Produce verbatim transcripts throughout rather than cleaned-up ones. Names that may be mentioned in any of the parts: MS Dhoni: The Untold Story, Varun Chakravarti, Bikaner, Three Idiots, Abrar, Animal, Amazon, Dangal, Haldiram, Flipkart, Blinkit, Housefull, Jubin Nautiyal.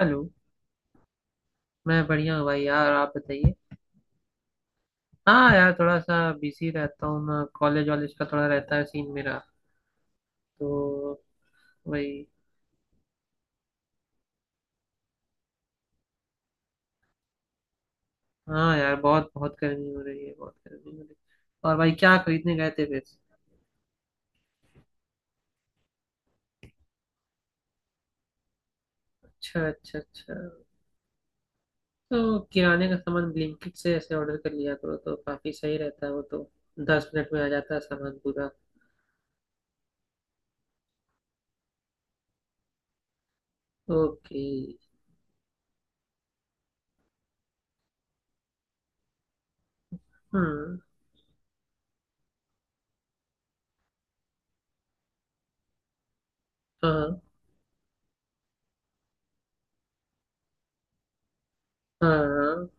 Hello. मैं बढ़िया हूँ भाई, यार आप बताइए। हाँ यार, थोड़ा सा बिजी रहता हूँ, मैं कॉलेज वॉलेज का थोड़ा रहता है सीन मेरा, तो वही। हाँ यार, बहुत बहुत गर्मी हो रही है, बहुत गर्मी हो रही है। और भाई क्या खरीदने गए थे फिर? अच्छा अच्छा अच्छा। तो किराने का सामान ब्लिंकिट से ऐसे ऑर्डर कर लिया करो तो काफी सही रहता है वो तो, दस मिनट में आ जाता है सामान पूरा। ओके। हम्म। हाँ। हाँ हाँ।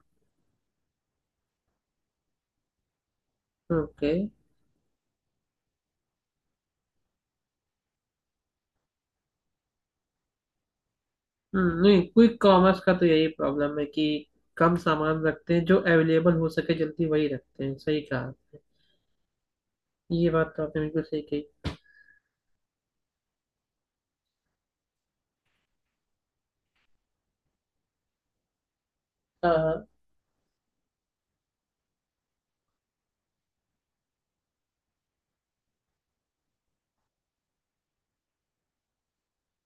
ओके। हम्म, नहीं क्विक कॉमर्स का तो यही प्रॉब्लम है कि कम सामान रखते हैं, जो अवेलेबल हो सके जल्दी वही रखते हैं। सही कहा आपने, ये बात तो आपने बिल्कुल सही कही। हाँ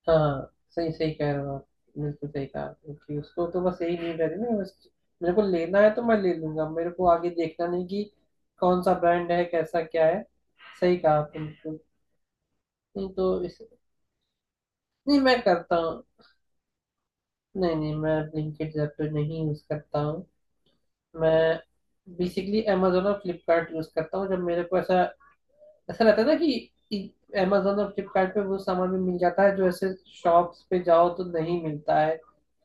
हाँ हाँ, सही सही कह रहे हो आप, बिल्कुल सही कहा आपने कि उसको तो बस यही नहीं करे ना, बस मेरे को लेना है तो मैं ले लूंगा, मेरे को आगे देखना नहीं कि कौन सा ब्रांड है कैसा क्या है। सही कहा आपने बिल्कुल। नहीं तो इस। नहीं मैं करता हूँ। नहीं नहीं मैं ब्लिंकिट ऐप तो नहीं यूज करता हूँ, मैं बेसिकली Amazon और फ्लिपकार्ट यूज करता हूँ। जब मेरे को ऐसा, ऐसा रहता है ना कि Amazon और फ्लिपकार्ट पे वो सामान भी मिल जाता है जो ऐसे शॉप्स पे जाओ तो नहीं मिलता है,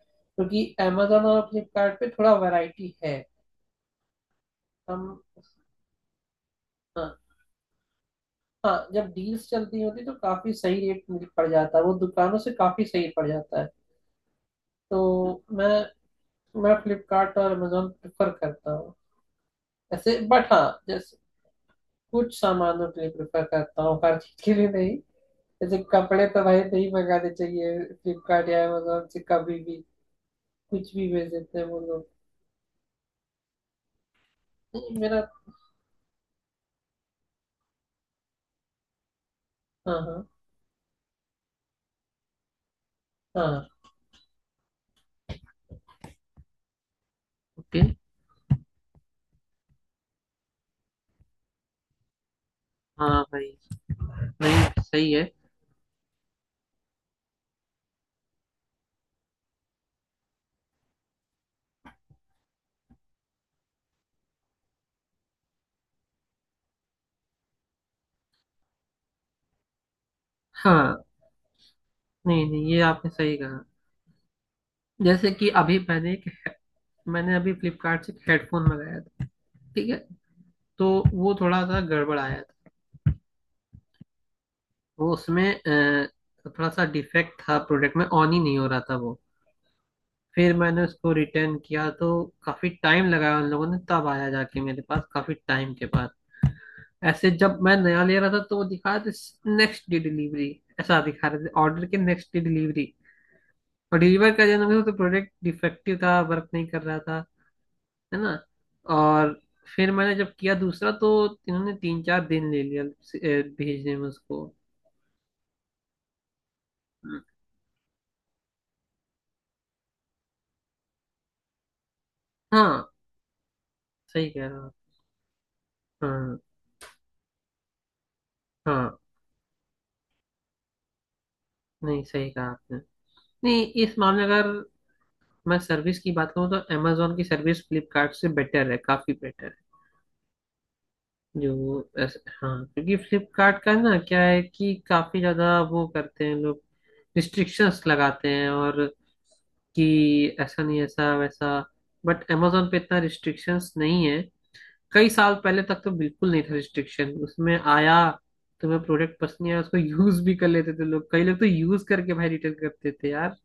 क्योंकि Amazon और फ्लिपकार्ट पे थोड़ा वैरायटी है। हम। हाँ हाँ, जब डील्स चलती होती तो काफी सही रेट मिल पड़ जाता है, वो दुकानों से काफी सही पड़ जाता है। तो मैं मैं फ्लिपकार्ट और Amazon प्रेफर करता हूँ ऐसे। बट हाँ, जैसे कुछ सामानों के लिए प्रेफर करता हूँ, हर चीज के लिए नहीं। जैसे कपड़े तो भाई नहीं मंगाने चाहिए फ्लिपकार्ट या अमेजोन से कभी भी, कुछ भी भेज देते हैं वो लोग। नहीं मेरा। हाँ हाँ। हाँ। ओके। हाँ भाई, नहीं सही है। हाँ। नहीं नहीं ये आपने सही कहा। जैसे कि अभी मैंने एक, मैंने अभी फ्लिपकार्ट से हेडफोन मंगाया था, ठीक है, तो वो थोड़ा सा गड़बड़ आया था। वो उसमें अ, थोड़ा सा डिफेक्ट था प्रोडक्ट में, ऑन ही नहीं हो रहा था वो। फिर मैंने उसको रिटर्न किया तो काफी टाइम लगाया उन लोगों ने, तब आया जाके मेरे पास काफी टाइम के बाद। ऐसे जब मैं नया ले रहा था तो वो दिखा रहे थे नेक्स्ट डे डिलीवरी, ऐसा दिखा रहे थे ऑर्डर के नेक्स्ट डे डिलीवरी, और डिलीवर का जन्म हुआ तो प्रोडक्ट डिफेक्टिव था, वर्क नहीं कर रहा था, है ना। और फिर मैंने जब किया दूसरा तो इन्होंने तीन चार दिन ले लिया अ, भेजने में उसको। हाँ सही कह रहा हूँ। हाँ हाँ नहीं सही कहा आपने। नहीं, इस मामले में अगर मैं सर्विस की बात करूँ तो अमेजोन की सर्विस फ्लिपकार्ट से बेटर है, काफी बेटर है। जो ऐसे हाँ, क्योंकि फ्लिपकार्ट का ना क्या है कि काफी ज्यादा वो करते हैं लोग, रिस्ट्रिक्शंस लगाते हैं और कि ऐसा नहीं ऐसा वैसा। बट amazon पे इतना रिस्ट्रिक्शंस नहीं है, कई साल पहले तक तो बिल्कुल नहीं था। रिस्ट्रिक्शन उसमें आया तुम्हें प्रोडक्ट पसंद नहीं आया, उसको यूज भी कर लेते थे लोग, कई लोग तो यूज करके भाई रिटर्न करते थे यार।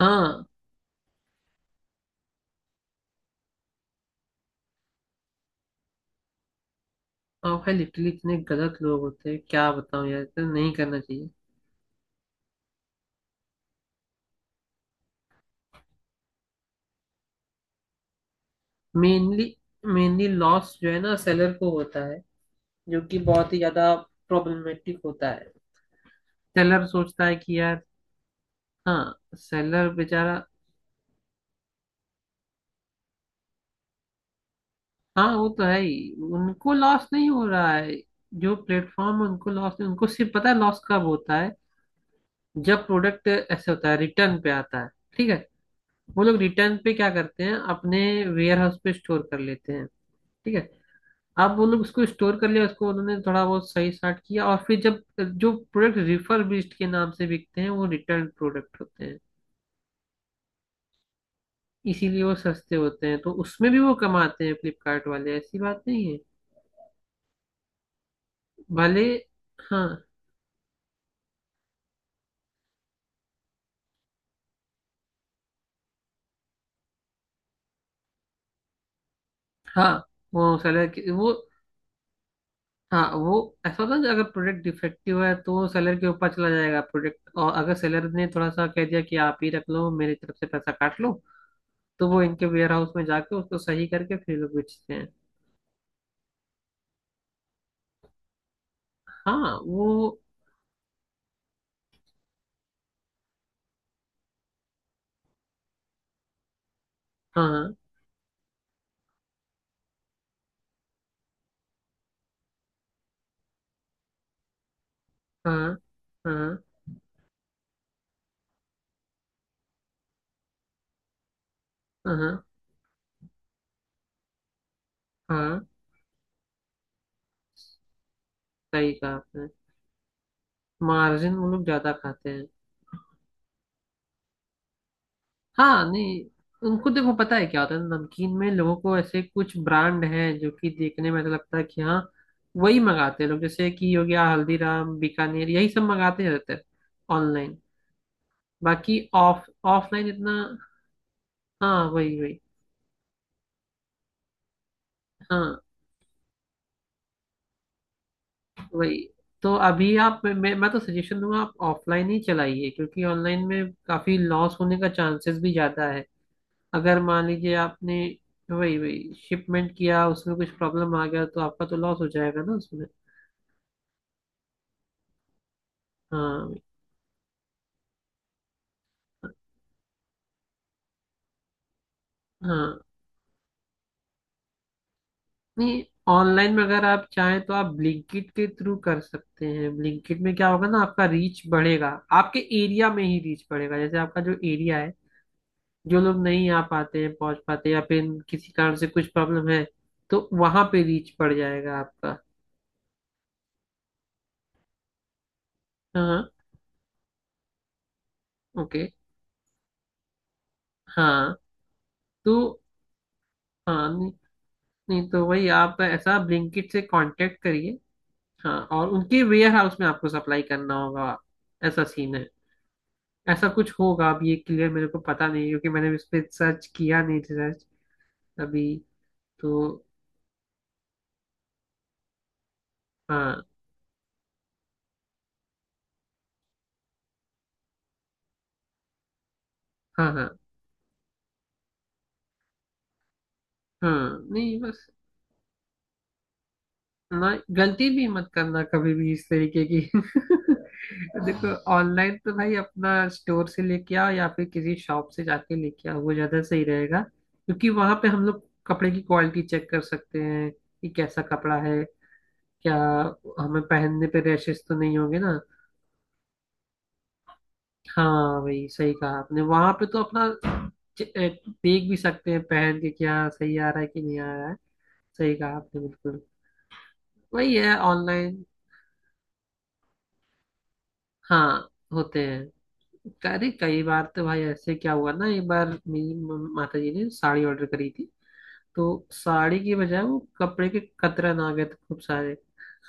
हाँ और भाई लिटरली इतने गलत लोग होते हैं, क्या बताऊं यार, इतना नहीं करना चाहिए। मेनली, मेनली लॉस जो है ना सेलर को होता है, जो कि बहुत ही ज्यादा प्रॉब्लमेटिक होता है। सेलर सोचता है कि यार। हाँ सेलर बेचारा। हाँ वो तो है ही, उनको लॉस नहीं हो रहा है, जो प्लेटफॉर्म उनको लॉस नहीं, उनको सिर्फ पता है लॉस कब होता है, जब प्रोडक्ट ऐसे होता है रिटर्न पे आता है, ठीक है, वो लोग रिटर्न पे क्या करते हैं अपने वेयर हाउस पे स्टोर कर लेते हैं, ठीक है। अब वो लोग उसको स्टोर कर लिया, उसको उन्होंने थोड़ा बहुत सही साट किया और फिर जब, जो प्रोडक्ट रिफर्बिश्ड के नाम से बिकते हैं वो रिटर्न प्रोडक्ट होते हैं, इसीलिए वो सस्ते होते हैं, तो उसमें भी वो कमाते हैं फ्लिपकार्ट वाले, ऐसी बात नहीं है। भले। हाँ। हाँ वो सेलर के वो। हाँ वो ऐसा होता है ना, अगर प्रोडक्ट डिफेक्टिव है तो सेलर के ऊपर चला जाएगा प्रोडक्ट, और अगर सेलर ने थोड़ा सा कह दिया कि आप ही रख लो, मेरी तरफ से पैसा काट लो, तो वो इनके वेयर हाउस में जाके उसको सही करके फिर लोग बेचते हैं। हाँ वो। हाँ हाँ हाँ हाँ। हाँ सही कहा आपने, मार्जिन वो लोग ज्यादा खाते हैं। हाँ नहीं, उनको देखो पता है क्या होता है, नमकीन में लोगों को ऐसे कुछ ब्रांड हैं जो कि देखने में ऐसा लगता है कि हाँ वही मंगाते हैं लोग, जैसे कि हो गया हल्दीराम बीकानेर यही सब मंगाते रहते हैं ऑनलाइन। बाकी ऑफ, ऑफलाइन इतना। हाँ वही वही। हाँ वही। तो अभी आप, मैं, मैं तो सजेशन दूंगा आप ऑफलाइन ही चलाइए, क्योंकि ऑनलाइन में काफी लॉस होने का चांसेस भी ज्यादा है। अगर मान लीजिए आपने वही वही शिपमेंट किया, उसमें कुछ प्रॉब्लम आ गया तो आपका तो लॉस हो जाएगा ना उसमें। हाँ वही। हाँ नहीं, ऑनलाइन में अगर आप चाहें तो आप ब्लिंकिट के थ्रू कर सकते हैं। ब्लिंकिट में क्या होगा ना आपका रीच बढ़ेगा, आपके एरिया में ही रीच बढ़ेगा, जैसे आपका जो एरिया है, जो लोग नहीं आ पाते हैं पहुंच पाते या फिर किसी कारण से कुछ प्रॉब्लम है, तो वहां पे रीच बढ़ जाएगा आपका। हाँ। ओके। हाँ। तो हाँ, नहीं तो वही आप ऐसा ब्लिंकिट से कांटेक्ट करिए। हाँ और उनके वेयर हाउस में आपको सप्लाई करना होगा, ऐसा सीन है, ऐसा कुछ होगा, अब ये क्लियर मेरे को पता नहीं, क्योंकि मैंने इस पे सर्च किया नहीं रिसर्च अभी। तो हाँ। हाँ हाँ। हाँ नहीं बस, ना गलती भी मत करना कभी भी इस तरीके की। देखो ऑनलाइन तो भाई अपना, स्टोर से लेके आओ या फिर किसी शॉप से जाके लेके आओ, वो ज्यादा सही रहेगा, क्योंकि वहां पे हम लोग कपड़े की क्वालिटी चेक कर सकते हैं कि कैसा कपड़ा है, क्या हमें पहनने पे रैशेस तो नहीं होंगे ना। हाँ भाई सही कहा आपने, वहां पे तो अपना च- ए, देख भी सकते हैं पहन के क्या सही आ रहा है कि नहीं आ रहा है। सही कहा आपने बिल्कुल, वही है ऑनलाइन। हाँ होते हैं। अरे कई बार तो भाई ऐसे क्या हुआ ना, एक बार मेरी म- माता जी ने साड़ी ऑर्डर करी थी, तो साड़ी की बजाय वो कपड़े के कतरन आ गए थे खूब सारे।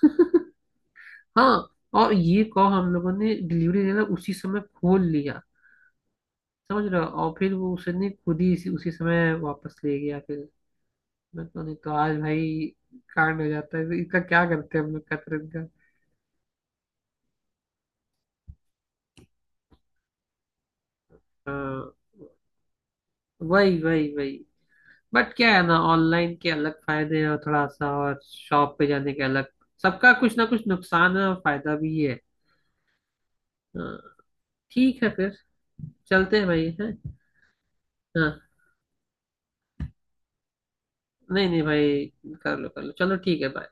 हाँ, और ये कहो हम लोगों ने डिलीवरी देना उसी समय खोल लिया, समझ रहे हो, और फिर वो उसने खुद ही इसी उसी समय वापस ले गया फिर। मैं तो, नहीं तो आज भाई कांड हो जाता है, इसका क्या करते हैं हम लोग कतरन का। हाँ वही वही वही। बट क्या है ना, ऑनलाइन के अलग फायदे हैं और थोड़ा सा और शॉप पे जाने के अलग, सबका कुछ ना कुछ नुकसान है और फायदा भी है। हाँ ठीक है फिर, चलते हैं भाई है। हाँ। नहीं नहीं भाई कर लो कर लो, चलो ठीक है बाय।